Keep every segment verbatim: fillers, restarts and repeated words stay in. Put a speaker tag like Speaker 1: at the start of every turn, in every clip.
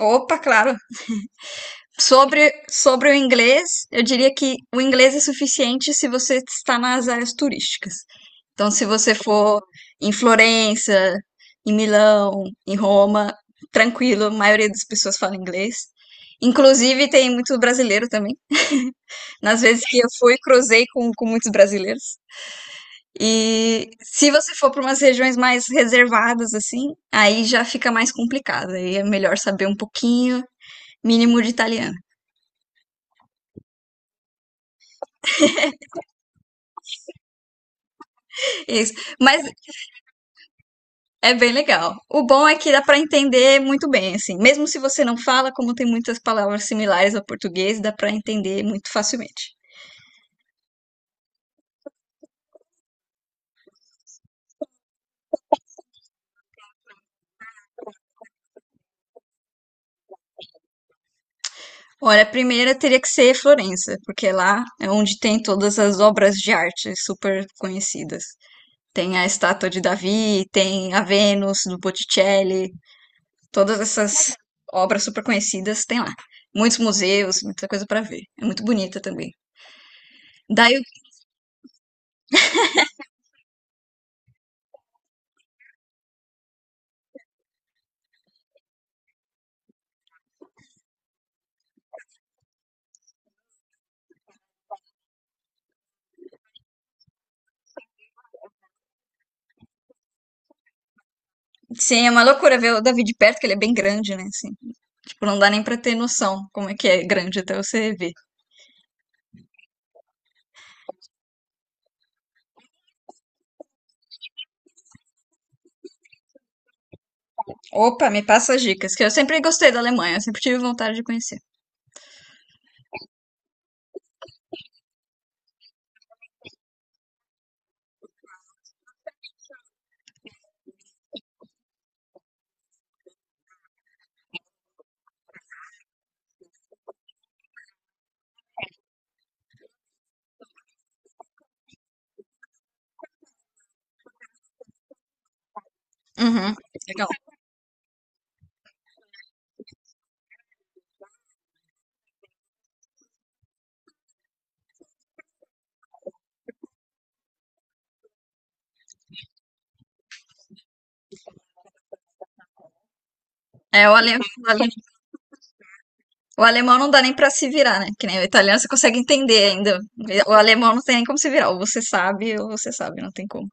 Speaker 1: Opa, claro. Sobre, sobre o inglês, eu diria que o inglês é suficiente se você está nas áreas turísticas. Então, se você for em Florença, em Milão, em Roma, tranquilo, a maioria das pessoas fala inglês. Inclusive, tem muito brasileiro também. Nas vezes que eu fui, cruzei com, com muitos brasileiros. E se você for para umas regiões mais reservadas, assim, aí já fica mais complicado. Aí é melhor saber um pouquinho, mínimo de italiano. Isso, mas é bem legal. O bom é que dá para entender muito bem, assim. Mesmo se você não fala, como tem muitas palavras similares ao português, dá para entender muito facilmente. Olha, a primeira teria que ser Florença, porque lá é onde tem todas as obras de arte super conhecidas. Tem a estátua de Davi, tem a Vênus do Botticelli, todas essas obras super conhecidas tem lá. Muitos museus, muita coisa para ver. É muito bonita também. Daí, sim, é uma loucura ver o Davi de perto, que ele é bem grande, né? Assim. Tipo, não dá nem pra ter noção como é que é grande até você ver. Opa, me passa as dicas, que eu sempre gostei da Alemanha, eu sempre tive vontade de conhecer. Uhum, legal. É, o, ale- o ale- o alemão não dá nem pra se virar, né? Que nem o italiano você consegue entender ainda. O alemão não tem nem como se virar. Ou você sabe, ou você sabe, não tem como.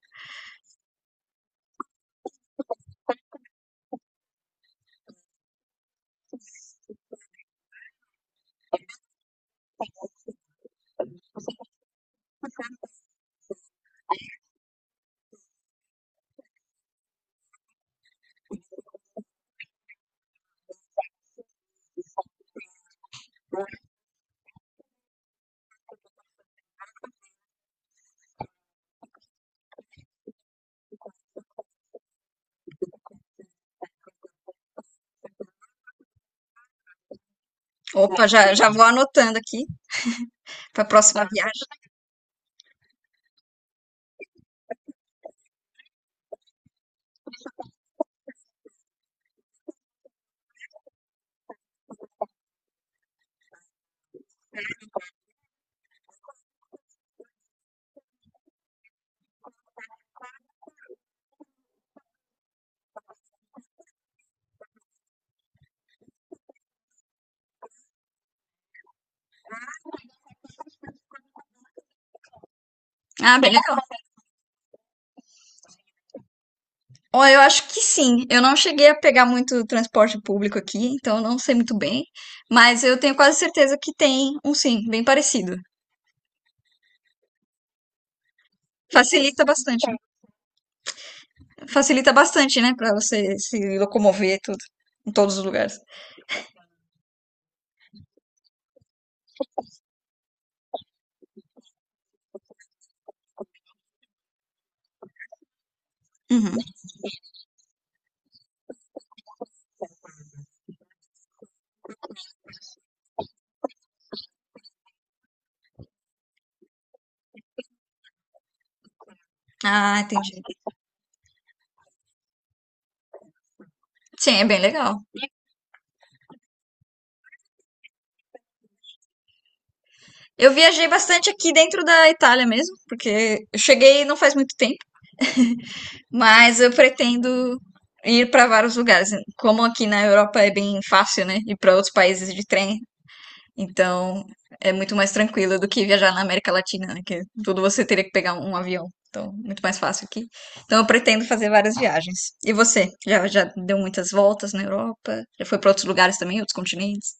Speaker 1: Opa, já, já vou anotando aqui pra próxima viagem. Ah, bem legal. Ó, eu acho que sim. Eu não cheguei a pegar muito transporte público aqui, então eu não sei muito bem. Mas eu tenho quase certeza que tem um sim, bem parecido. Facilita bastante. Facilita bastante, né? Pra você se locomover e tudo. Em todos os lugares. Uhum. Ah, entendi. Sim, é bem legal. Eu viajei bastante aqui dentro da Itália mesmo, porque eu cheguei não faz muito tempo, mas eu pretendo ir para vários lugares. Como aqui na Europa é bem fácil, né? Ir para outros países de trem, então, é muito mais tranquilo do que viajar na América Latina, né? Que tudo você teria que pegar um avião. Então, muito mais fácil aqui. Então, eu pretendo fazer várias viagens. E você? Já, já deu muitas voltas na Europa? Já foi para outros lugares também, outros continentes?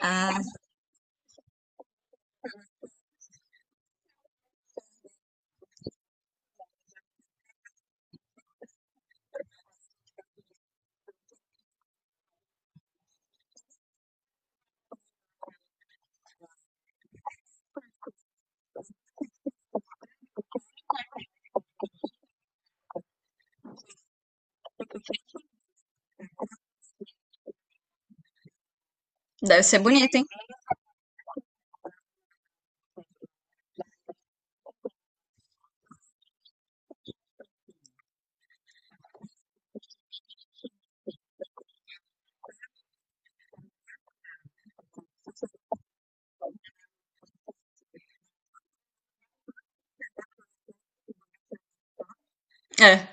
Speaker 1: Ah, deve ser bonito, hein? É,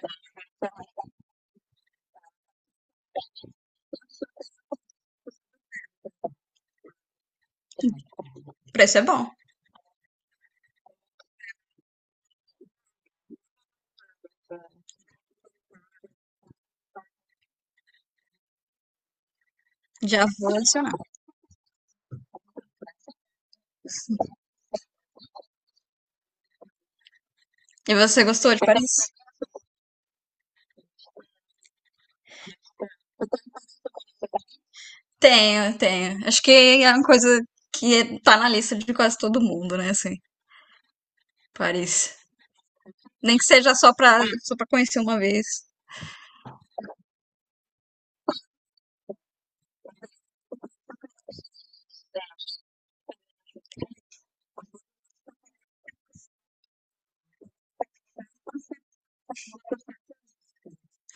Speaker 1: o preço é bom. Já vou adicionar. E você gostou de Paris? Tenho, tenho. Acho que é uma coisa que é- tá na lista de quase todo mundo, né? Assim, Paris. Nem que seja só para só para conhecer uma vez.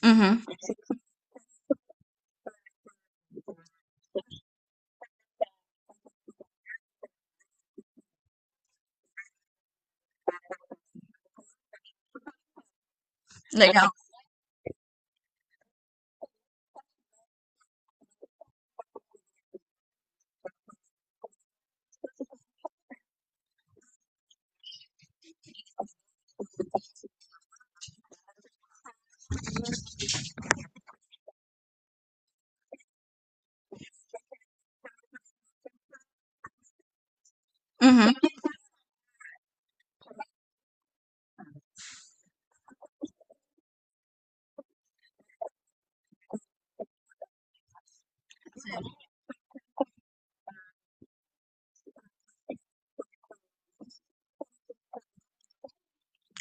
Speaker 1: Uhum, legal. Uhum.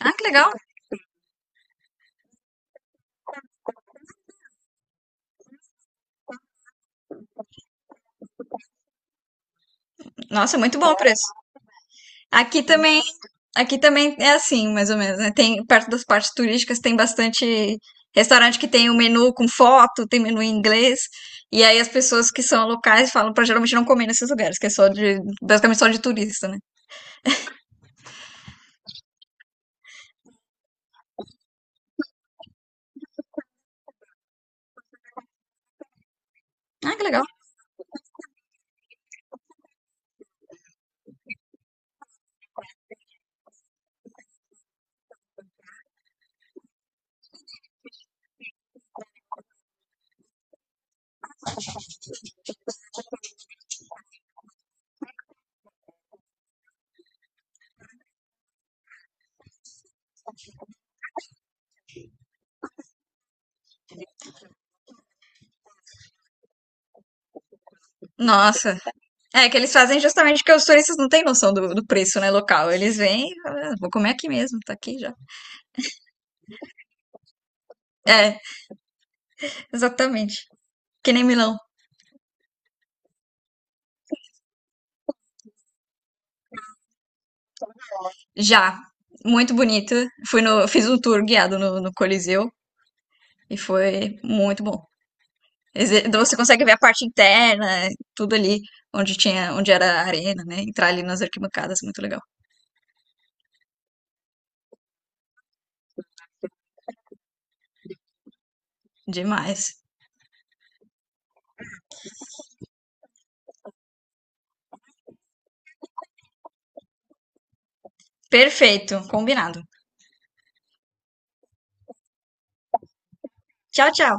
Speaker 1: Ah, que legal. Nossa, muito bom o preço. Aqui também, aqui também é assim, mais ou menos, né? Tem, perto das partes turísticas tem bastante restaurante que tem o menu com foto, tem menu em inglês. E aí as pessoas que são locais falam pra geralmente não comer nesses lugares, que é só de, basicamente só de turista, né? Ah, que legal. Nossa. É que eles fazem justamente porque os turistas não têm noção do, do preço, né, local. Eles vêm, e falam, ah, vou comer aqui mesmo, tá aqui já. É, exatamente. Que nem Milão. Já, muito bonito. Fui no, Fiz um tour guiado no, no Coliseu e foi muito bom. Exe- então você consegue ver a parte interna, tudo ali onde tinha, onde era a arena, né? Entrar ali nas arquibancadas, muito legal. Demais. Perfeito, combinado. Tchau, tchau.